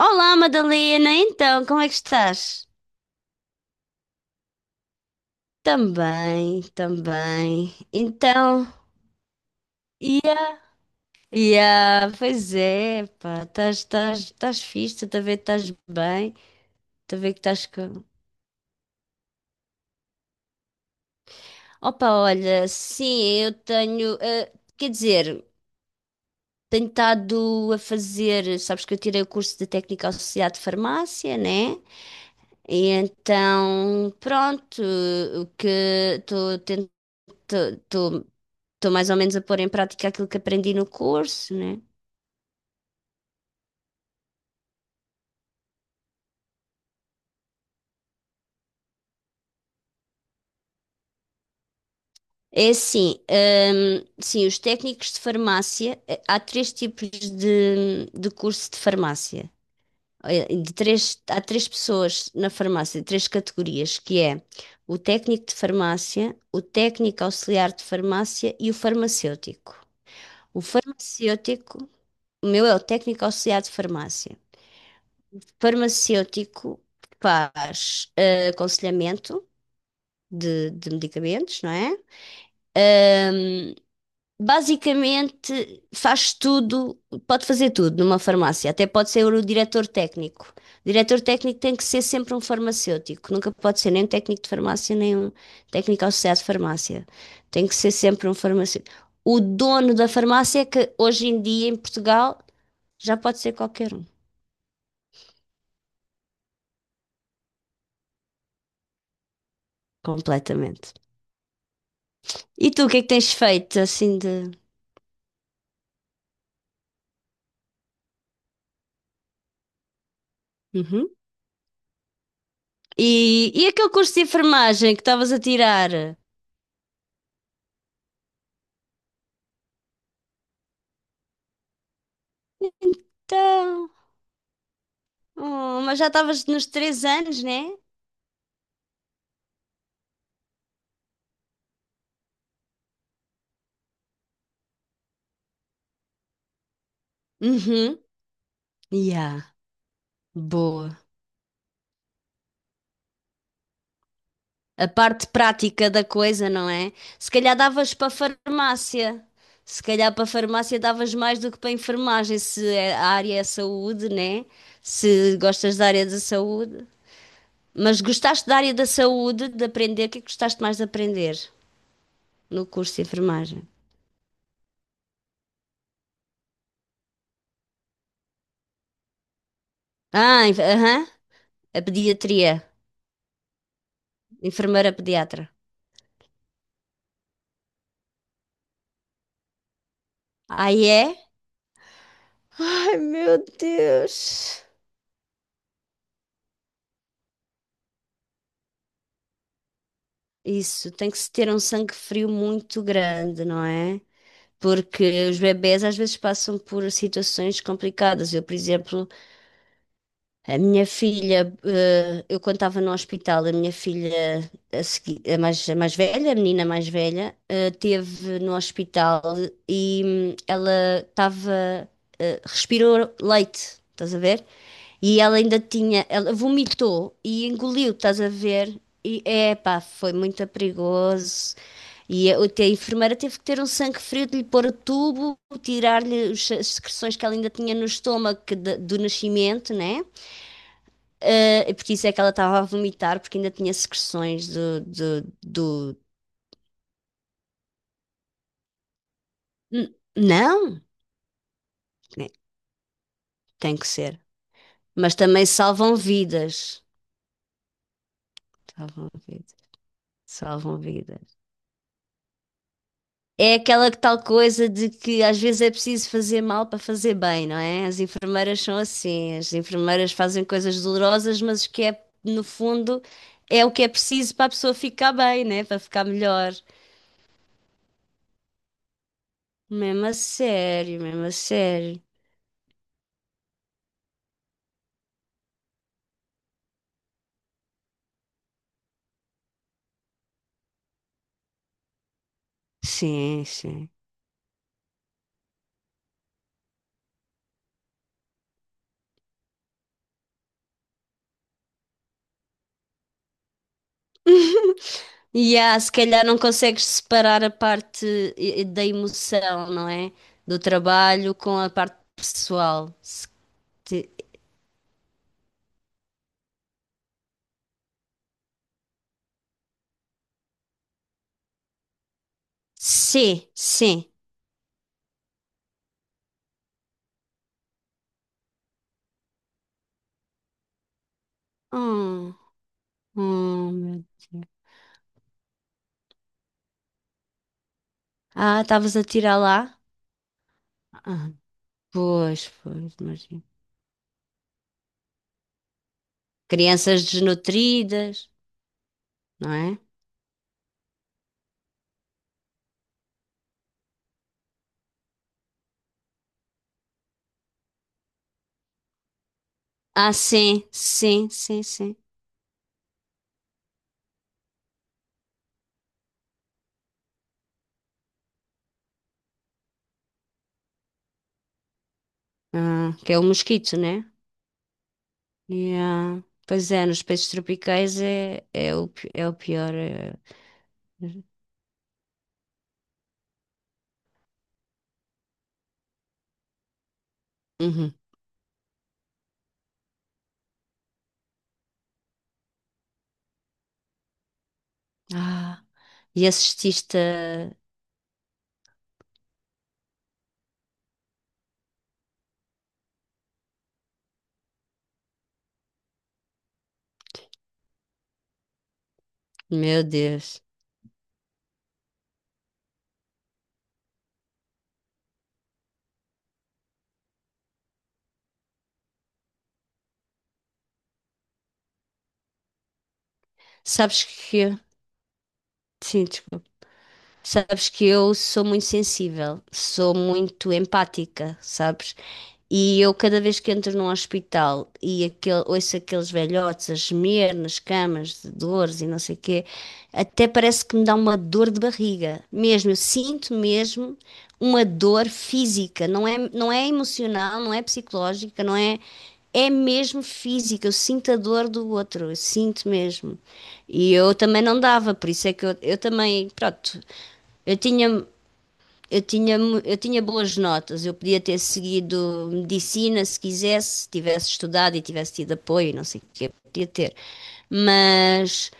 Olá, Madalena. Então, como é que estás? Também, também. Então, ia, pois é, pá, estás fixe, estou a ver que estás bem, estou a ver que estás com... Opa, olha, sim, eu tenho, quer dizer, tenho estado a fazer, sabes que eu tirei o curso de técnica associada de farmácia, né? E então, pronto, o que estou tentando estou mais ou menos a pôr em prática aquilo que aprendi no curso, né? É assim, sim, os técnicos de farmácia, há três tipos de curso de farmácia. Há três pessoas na farmácia, de três categorias, que é o técnico de farmácia, o técnico auxiliar de farmácia e o farmacêutico. O farmacêutico, o meu é o técnico auxiliar de farmácia. Farmacêutico faz aconselhamento de medicamentos, não é? Ahm, Basicamente faz tudo, pode fazer tudo numa farmácia, até pode ser o diretor técnico. O diretor técnico tem que ser sempre um farmacêutico, nunca pode ser nem um técnico de farmácia, nem um técnico associado de farmácia. Tem que ser sempre um farmacêutico. O dono da farmácia é que hoje em dia em Portugal já pode ser qualquer um, completamente. E tu, o que é que tens feito assim de. Uhum. E aquele curso de enfermagem que estavas a tirar? Então, oh, mas já estavas nos 3 anos, né? Uhum. Yeah, boa. A parte prática da coisa, não é? Se calhar davas para farmácia. Se calhar para farmácia davas mais do que para enfermagem, se é- a área é saúde, né? Se gostas da área da saúde. Mas gostaste da área da saúde, de aprender, o que é que gostaste mais de aprender no curso de enfermagem? Ah, aham, a pediatria. Enfermeira pediatra. Aí é Ai, meu Deus. Isso, tem que se ter um sangue frio muito grande, não é? Porque os bebés às vezes passam por situações complicadas. Eu, por exemplo, a minha filha, eu quando estava no hospital, a minha filha, a mais velha, a menina mais velha, teve no hospital e ela estava, respirou leite, estás a ver? E ela ainda tinha, ela vomitou e engoliu, estás a ver? E epá, foi muito perigoso. E a enfermeira teve que ter um sangue frio de lhe pôr o tubo, tirar-lhe as secreções que ela ainda tinha no estômago que do nascimento, né? Porque isso é que ela estava a vomitar, porque ainda tinha secreções do- Não, né, tem que ser. Mas também salvam vidas. Salvam vidas. Salvam vidas. É aquela que tal coisa de que às vezes é preciso fazer mal para fazer bem, não é? As enfermeiras são assim. As enfermeiras fazem coisas dolorosas, mas que é, no fundo, é o que é preciso para a pessoa ficar bem, né? Para ficar melhor. Mesmo a sério, mesmo a sério. Sim, sim. E há, se calhar não consegues separar a parte da emoção, não é? Do trabalho com a parte pessoal. Se te- Sim, sim. Hum, Meu Deus. Ah, estavas a tirar lá? Ah, pois, pois, imagino. Crianças desnutridas, não é? Ah, sim, sim, sim, sim. Ah, que é o mosquito, né? Yeah. Pois é, nos países tropicais é, é o pior. É, uhum. Ah. E assististe a... Meu Deus. Sabes que... Sim, desculpa. Sabes que eu sou muito sensível, sou muito empática, sabes? E eu, cada vez que entro num hospital ouço aqueles velhotes a gemer nas camas de dores e não sei o quê, até parece que me dá uma dor de barriga. Mesmo, eu sinto mesmo uma dor física, não é, não é emocional, não é psicológica, não é. É mesmo física, eu sinto a dor do outro, eu sinto mesmo. E eu também não dava, por isso é que eu também, pronto. Eu tinha, eu tinha boas notas, eu podia ter seguido medicina se quisesse, tivesse estudado e tivesse tido apoio, não sei o que, podia ter. Mas,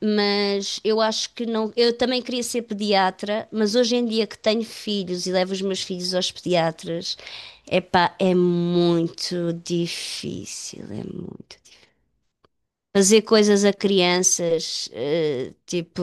mas eu acho que não. Eu também queria ser pediatra, mas hoje em dia que tenho filhos e levo os meus filhos aos pediatras, epá, é muito difícil, é muito difícil. Fazer coisas a crianças, tipo.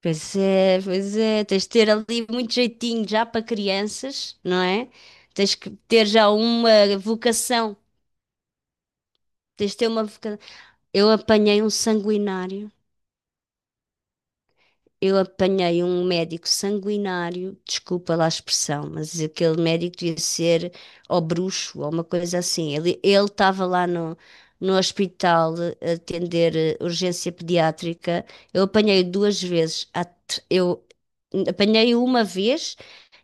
Pois é, tens de ter ali muito jeitinho já para crianças, não é? Tens que ter já uma vocação, tens de ter uma vocação. Eu apanhei um sanguinário. Eu apanhei um médico sanguinário, desculpa lá a expressão, mas aquele médico devia ser ou bruxo ou uma coisa assim. Ele estava lá no hospital a atender urgência pediátrica. Eu apanhei duas vezes. Eu apanhei uma vez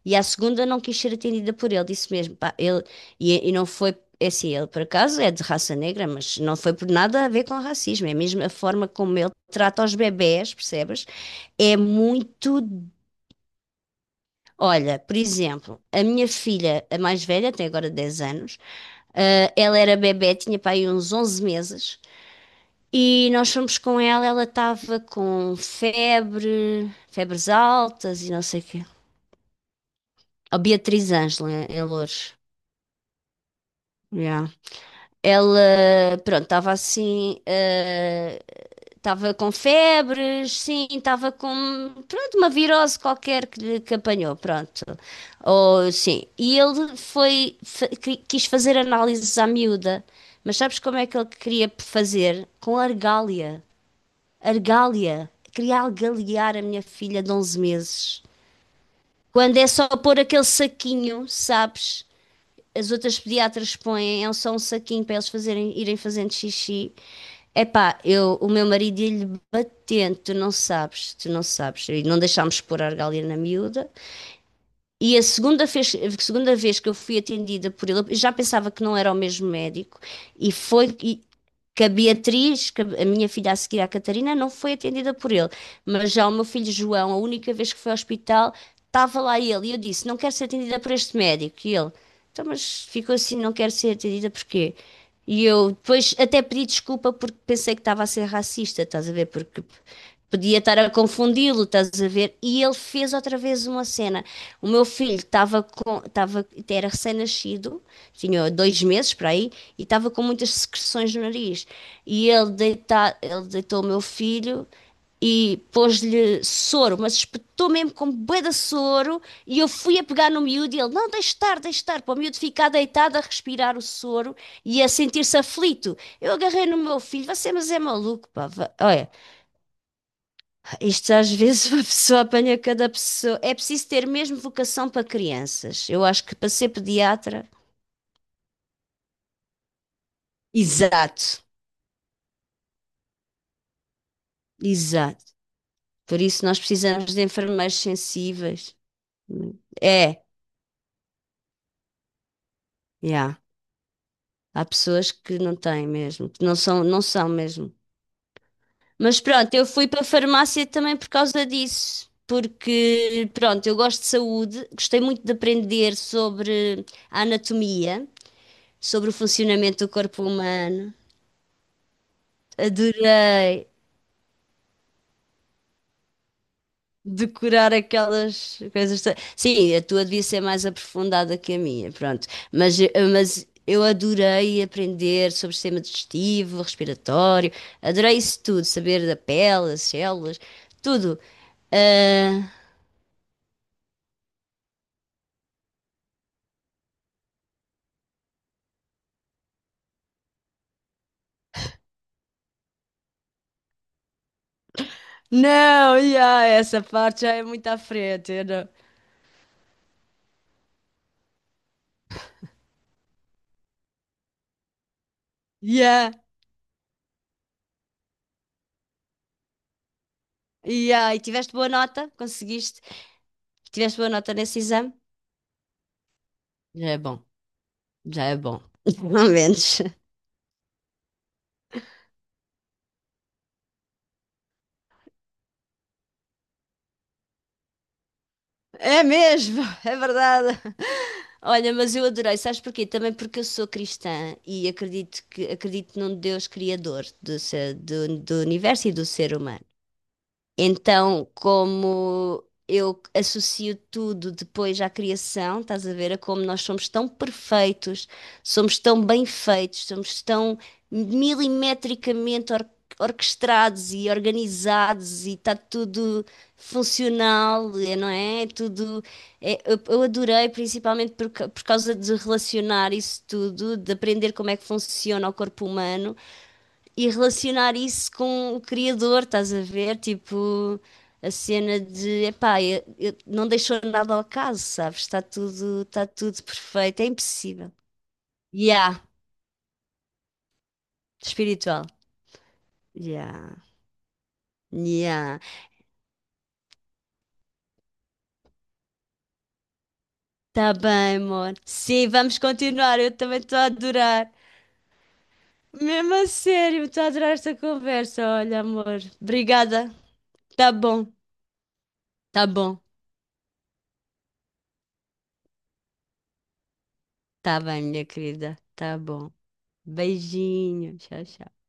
e à segunda não quis ser atendida por ele, disse mesmo. Pá, e não foi, é assim, ele por acaso é de raça negra, mas não foi por nada a ver com racismo, é mesmo a forma como ele trata os bebés, percebes? É muito. Olha, por exemplo, a minha filha, a mais velha, tem agora 10 anos, ah, ela era bebé, tinha para aí uns 11 meses, e nós fomos com ela, ela estava com febre, febres altas e não sei o quê. A Beatriz Ângela, em Loures. Yeah. Ela, pronto, estava assim, ah, estava com febres, sim, estava com, pronto, uma virose qualquer que, que apanhou, pronto. Ou, sim, e ele quis fazer análises à miúda, mas sabes como é que ele queria fazer? Com argália, argália, queria algaliar a minha filha de 11 meses. Quando é só pôr aquele saquinho, sabes? As outras pediatras põem, é só um saquinho para eles fazerem, irem fazendo xixi. Epá, o meu marido ia-lhe batendo, tu não sabes, tu não sabes. E não deixámos pôr a argália na miúda, e a segunda vez que eu fui atendida por ele, eu já pensava que não era o mesmo médico, e foi e que a Beatriz, que a minha filha a seguir, a Catarina, não foi atendida por ele. Mas já o meu filho João, a única vez que foi ao hospital, estava lá ele. E eu disse: não quero ser atendida por este médico. E ele: então, mas ficou assim, não quero ser atendida porquê? E eu depois até pedi desculpa porque pensei que estava a ser racista, estás a ver? Porque podia estar a confundi-lo, estás a ver? E ele fez outra vez uma cena. O meu filho era recém-nascido, tinha 2 meses para aí, e estava com muitas secreções no nariz. E ele, ele deitou o meu filho e pôs-lhe soro, mas espetou mesmo com bué de soro e eu fui a pegar no miúdo e ele, não, deixe estar, para o miúdo ficar deitado a respirar o soro e a sentir-se aflito. Eu agarrei no meu filho, você mas é maluco, pá, olha, isto às vezes uma pessoa apanha cada pessoa. É preciso ter mesmo vocação para crianças. Eu acho que para ser pediatra, exato, exato. Por isso nós precisamos de enfermeiros sensíveis. É, yeah. Há pessoas que não têm mesmo, que não são, não são mesmo. Mas pronto, eu fui para a farmácia também por causa disso. Porque, pronto, eu gosto de saúde, gostei muito de aprender sobre a anatomia, sobre o funcionamento do corpo humano. Adorei decorar aquelas coisas. Sim, a tua devia ser mais aprofundada que a minha, pronto. Mas, mas eu adorei aprender sobre sistema digestivo, respiratório, adorei isso tudo, saber da pele, as células, tudo. Ah, não, yeah, essa parte já é muito à frente, eu não. Yeah, yeah. E tiveste boa nota? Conseguiste? Tiveste boa nota nesse exame? Já é bom, já é bom. Pelo menos. É mesmo, é verdade. Olha, mas eu adorei, sabes porquê? Também porque eu sou cristã e acredito que acredito num Deus criador do universo e do ser humano. Então, como eu associo tudo depois à criação, estás a ver? A como nós somos tão perfeitos, somos tão bem feitos, somos tão milimetricamente orquestrados e organizados e está tudo funcional, é, não é? É tudo. Eu adorei, principalmente por causa de relacionar isso tudo, de aprender como é que funciona o corpo humano e relacionar isso com o criador, estás a ver? Tipo, a cena de, epá, não deixou nada ao acaso, sabes? Está tudo perfeito, é impossível. Yeah, espiritual. Yeah, yeah. Tá bem, amor. Sim, vamos continuar, eu também estou a adorar. Mesmo a sério, estou a adorar esta conversa, olha, amor. Obrigada. Tá bom, tá bom. Tá bem, minha querida. Tá bom. Beijinho. Tchau, tchau.